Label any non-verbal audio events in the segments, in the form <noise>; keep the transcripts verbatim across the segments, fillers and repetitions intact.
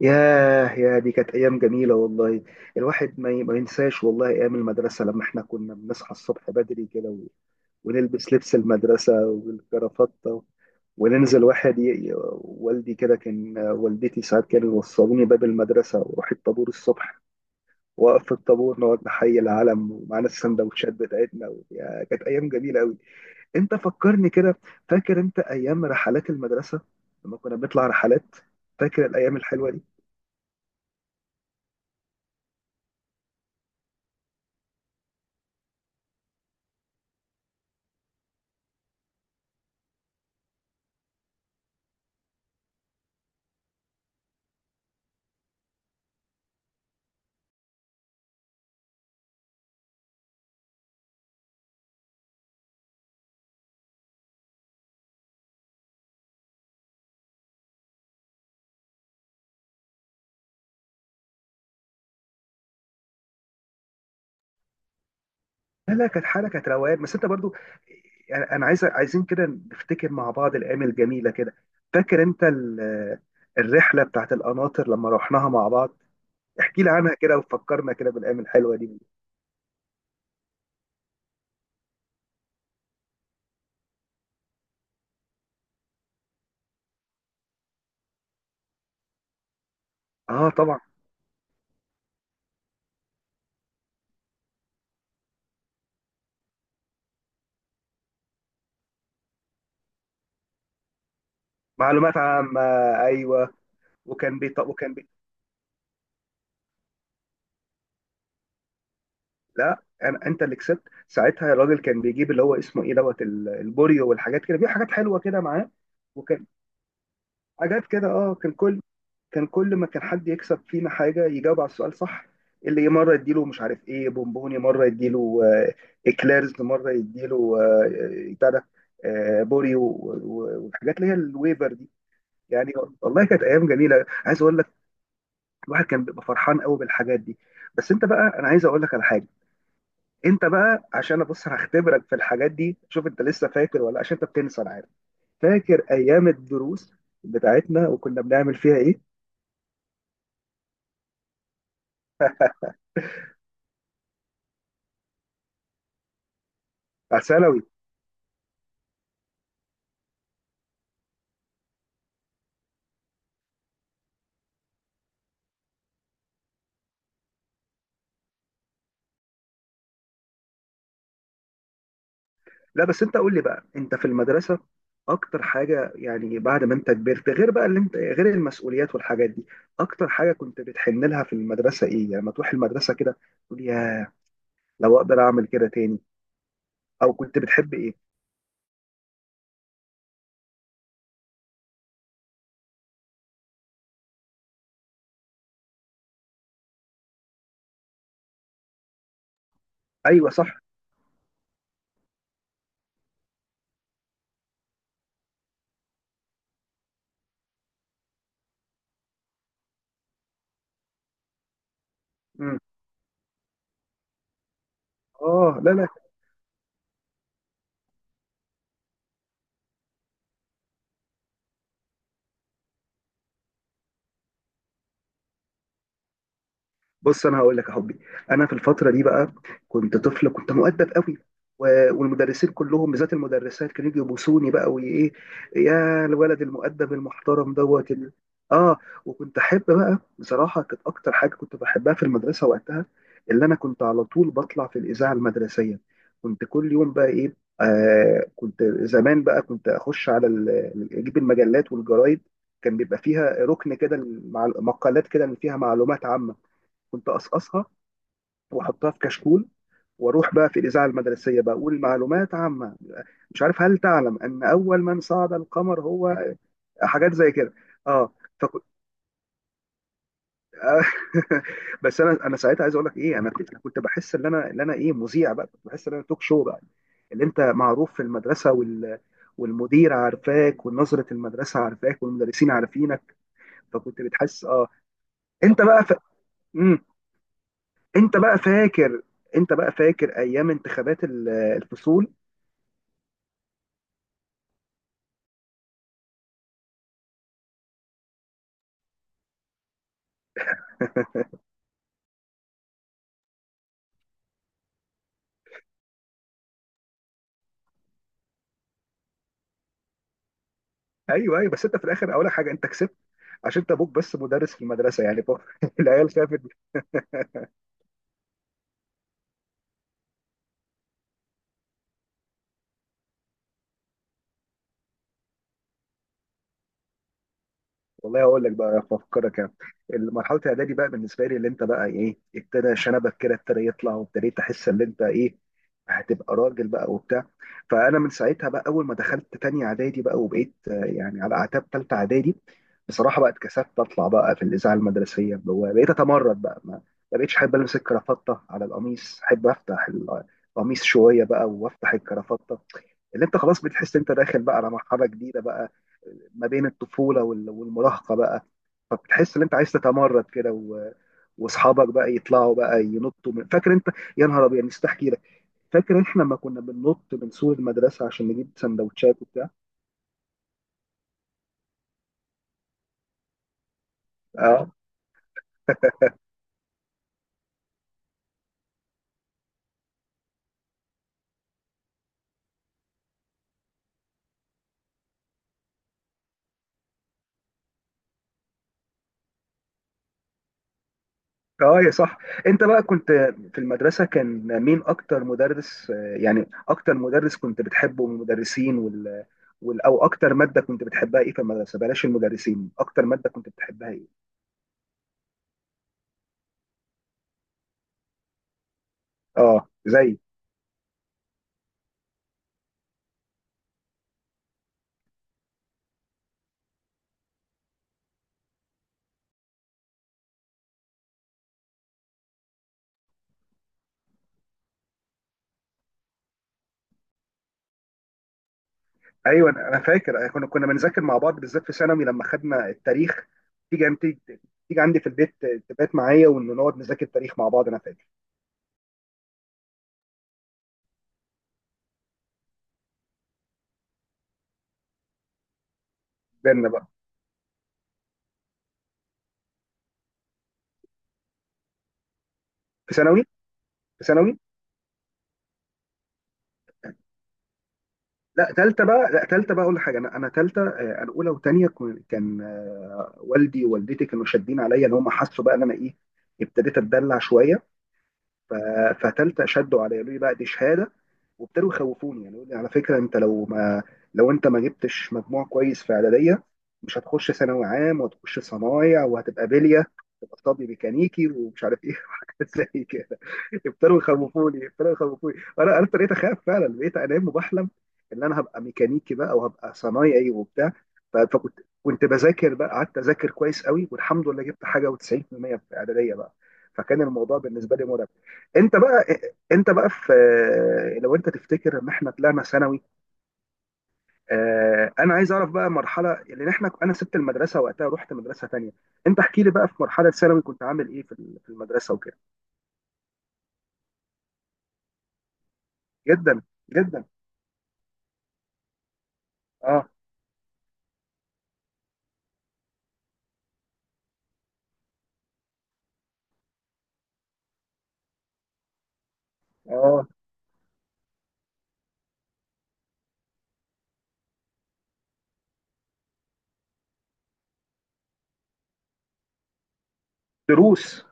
ياه، يا دي كانت أيام جميلة والله. الواحد ما ي- ما ينساش والله أيام المدرسة، لما إحنا كنا بنصحى الصبح بدري كده و- ونلبس لبس المدرسة والكرافتة، وننزل واحد ي... ي- والدي كده، كان والدتي ساعات كانوا يوصلوني باب المدرسة وأروح الطابور الصبح، وأقف في الطابور نقعد نحيي العلم ومعانا السندوتشات بتاعتنا و... يا كانت أيام جميلة أوي. أنت فكرني كده. فاكر أنت أيام رحلات المدرسة لما كنا بنطلع رحلات؟ فاكر الأيام الحلوة دي؟ لا لا، كانت حاله، كانت روقان، بس انت برضو يعني انا عايز عايزين كده نفتكر مع بعض الايام الجميله كده. فاكر انت ال- الرحله بتاعت القناطر لما رحناها مع بعض؟ احكي لي عنها كده وفكرنا كده بالايام الحلوه دي. اه طبعا. معلومات عامه، ايوه. وكان بيط... وكان بي... لا أنا... انت اللي كسبت ساعتها. الراجل كان بيجيب اللي هو اسمه ايه دوت ال- البوريو والحاجات كده، بيجيب حاجات حلوه كده معاه. وكان حاجات كده، اه. كان كل كان كل ما كان حد يكسب فينا حاجة يجاوب على السؤال صح، اللي مرة يديله مش عارف ايه بونبوني، مرة يديله آه، اكليرز، مرة يديله آه، بتاع ده، آه، بوري و- و- والحاجات اللي هي الويفر دي. يعني والله كانت ايام جميلة، عايز اقول لك. الواحد كان بيبقى فرحان قوي بالحاجات دي. بس انت بقى، انا عايز اقول لك على حاجة. انت بقى، عشان ابص هختبرك في الحاجات دي. شوف انت لسه فاكر ولا لأ، عشان انت بتنسى، انا عارف. فاكر ايام الدروس بتاعتنا وكنا بنعمل فيها ايه؟ على ثانوي. لا، بس انت قول لي بقى، انت في المدرسه اكتر حاجه يعني بعد ما انت كبرت، غير بقى اللي انت غير المسؤوليات والحاجات دي، اكتر حاجه كنت بتحن لها في المدرسه ايه؟ يعني لما تروح المدرسه كده تقول يا، لو اقدر اعمل كده تاني، او كنت بتحب ايه؟ ايوه صح. امم. اه، لا لا. بص انا هقول لك يا حبي، انا في الفتره دي بقى كنت طفل، كنت مؤدب قوي، و- والمدرسين كلهم بالذات المدرسات كانوا يجوا يبوسوني بقى وايه، يا الولد المؤدب المحترم دوت ال... اه. وكنت احب بقى، بصراحه كانت اكتر حاجه كنت بحبها في المدرسه وقتها، اللي انا كنت على طول بطلع في الاذاعه المدرسيه. كنت كل يوم بقى ايه، آه، كنت زمان بقى كنت اخش على ال- اجيب المجلات والجرايد. كان بيبقى فيها ركن كده مع مقالات كده اللي فيها معلومات عامه، كنت اقصقصها واحطها في كشكول، واروح بقى في الاذاعه المدرسيه بقى اقول معلومات عامه. مش عارف، هل تعلم ان اول من صعد القمر هو، حاجات زي كده. اه. فكنت <laughs> بس انا انا ساعتها عايز اقول لك ايه، انا كنت أنا كنت بحس ان انا ان انا ايه، مذيع بقى. كنت بحس ان انا توك شو بقى، اللي انت معروف في المدرسه وال والمدير عارفاك، ونظره المدرسه عارفاك، والمدرسين عارفينك. فكنت بتحس اه. انت بقى ف... انت بقى فاكر، انت بقى فاكر ايام انتخابات ال- الفصول؟ ايوه ايوه، بس انت في الاخر اول حاجه انت كسبت عشان انت ابوك بس مدرس في المدرسه يعني <laughs> بو- العيال شافت. والله هقول لك بقى افكرك يعني، مرحله الاعدادي بقى بالنسبه لي، اللي انت بقى ايه ابتدى شنبك كده ابتدى يطلع، وابتديت احس ان انت ايه هتبقى راجل بقى وبتاع. فانا من ساعتها بقى، اول ما دخلت تانية اعدادي بقى، وبقيت آه، يعني على اعتاب تالتة اعدادي بصراحه بقى، اتكسفت اطلع بقى في الاذاعه المدرسيه، اللي هو بقيت اتمرد بقى. ما ما بقيتش احب البس الكرافته على القميص، احب افتح ال- القميص شويه بقى وافتح الكرافته. اللي انت خلاص بتحس انت داخل بقى على مرحله جديده بقى، ما بين الطفوله وال- والمراهقه بقى. فبتحس ان انت عايز تتمرد كده و- واصحابك بقى يطلعوا بقى ينطوا من... فاكر انت، يا نهار ابيض نسيت احكي لك. فاكر احنا لما كنا بننط من سور المدرسه عشان نجيب سندوتشات وبتاع؟ اه. اه يا صح. انت بقى كنت في المدرسه كان مين اكتر مدرس آه، يعني اكتر مدرس كنت بتحبه من المدرسين وال... وال... او اكتر ماده كنت بتحبها ايه في المدرسه؟ بلاش المدرسين، اكتر ماده كنت بتحبها ايه؟ اه زي. ايوه انا. أنا فاكر أنا كنا كنا بنذاكر مع بعض، بالذات في ثانوي لما خدنا التاريخ. تيجي انت تيجي عندي في البيت، تبات معايا ونقعد نذاكر تاريخ مع بعض، انا فاكر. بينا بقى. في ثانوي، في ثانوي. لا ثالثه بقى، لا ثالثه بقى اقول لك حاجه. انا انا ثالثه انا اولى وثانيه كان آه، والدي ووالدتي كانوا شادين عليا، ان هم حسوا بقى ان انا ايه، ابتديت اتدلع شويه. ف- فتالتة شدوا عليا، قالوا لي بقى دي شهاده، وابتدوا يخوفوني يعني. يقول لي على فكره، انت لو ما لو انت ما جبتش مجموع كويس في اعداديه، مش هتخش ثانوي عام وهتخش صنايع وهتبقى بليه، تبقى طبي ميكانيكي ومش عارف ايه <laughs> وحاجات زي كده. ابتدوا يخوفوني ابتدوا يخوفوني، انا انا ابتديت اخاف فعلا. بقيت انام وبحلم ان انا هبقى ميكانيكي بقى، وهبقى صنايعي وبتاع. ف- فكنت كنت بذاكر بقى، قعدت اذاكر كويس قوي، والحمد لله جبت حاجه و90% في اعداديه بقى. فكان الموضوع بالنسبه لي مرعب. انت بقى، انت بقى في، لو انت تفتكر لما احنا طلعنا ثانوي، اه، انا عايز اعرف بقى مرحله لان احنا، انا سبت المدرسه وقتها، رحت مدرسه تانية. انت احكي لي بقى في مرحله ثانوي كنت عامل ايه في ال- في المدرسه وكده؟ جدا. جدا. اه. اه دروس.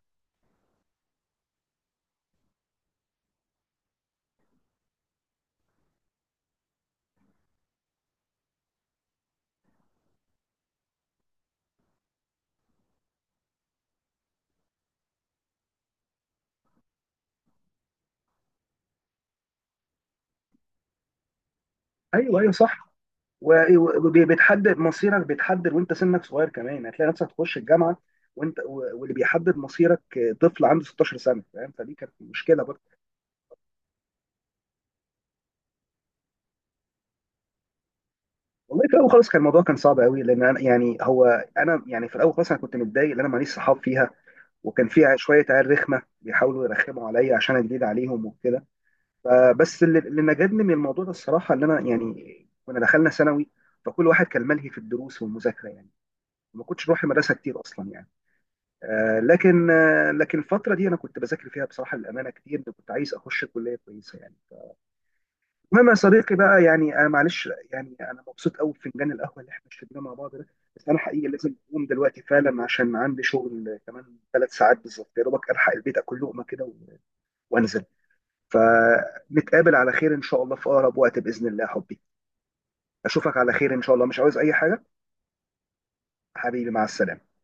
ايوه ايوه صح. و- و- وبيتحدد مصيرك، بيتحدد وانت سنك صغير كمان، هتلاقي نفسك تخش الجامعه. وانت و- واللي بيحدد مصيرك اه، طفل عنده ستاشر سنه، فاهم؟ فدي كانت مشكله. والله في الاول خالص كان الموضوع كان صعب قوي، لان انا يعني هو، انا يعني في الاول خالص انا كنت متضايق، لان انا ماليش صحاب فيها. وكان في ع- شويه عيال رخمه بيحاولوا يرخموا عليا عشان انا جديد عليهم وكده. فبس اللي اللي نجدني من الموضوع ده الصراحه، ان انا يعني كنا دخلنا ثانوي، فكل واحد كان ملهي في الدروس والمذاكره يعني. ما كنتش بروح المدرسه كتير اصلا يعني. آه لكن آه لكن الفتره دي انا كنت بذاكر فيها بصراحه للامانه كتير، كنت عايز اخش كليه كويسه يعني. المهم يا صديقي بقى، يعني انا معلش، يعني انا مبسوط قوي بفنجان القهوه اللي احنا شربناه مع بعض ده. بس انا حقيقي لازم اقوم دلوقتي فعلا عشان عندي شغل كمان ثلاث ساعات بالظبط، يا دوبك الحق البيت اكل لقمه كده و- وانزل. فنتقابل على خير ان شاء الله في اقرب وقت باذن الله يا حبي. اشوفك على خير ان شاء الله، مش عاوز اي حاجه. حبيبي مع السلامه.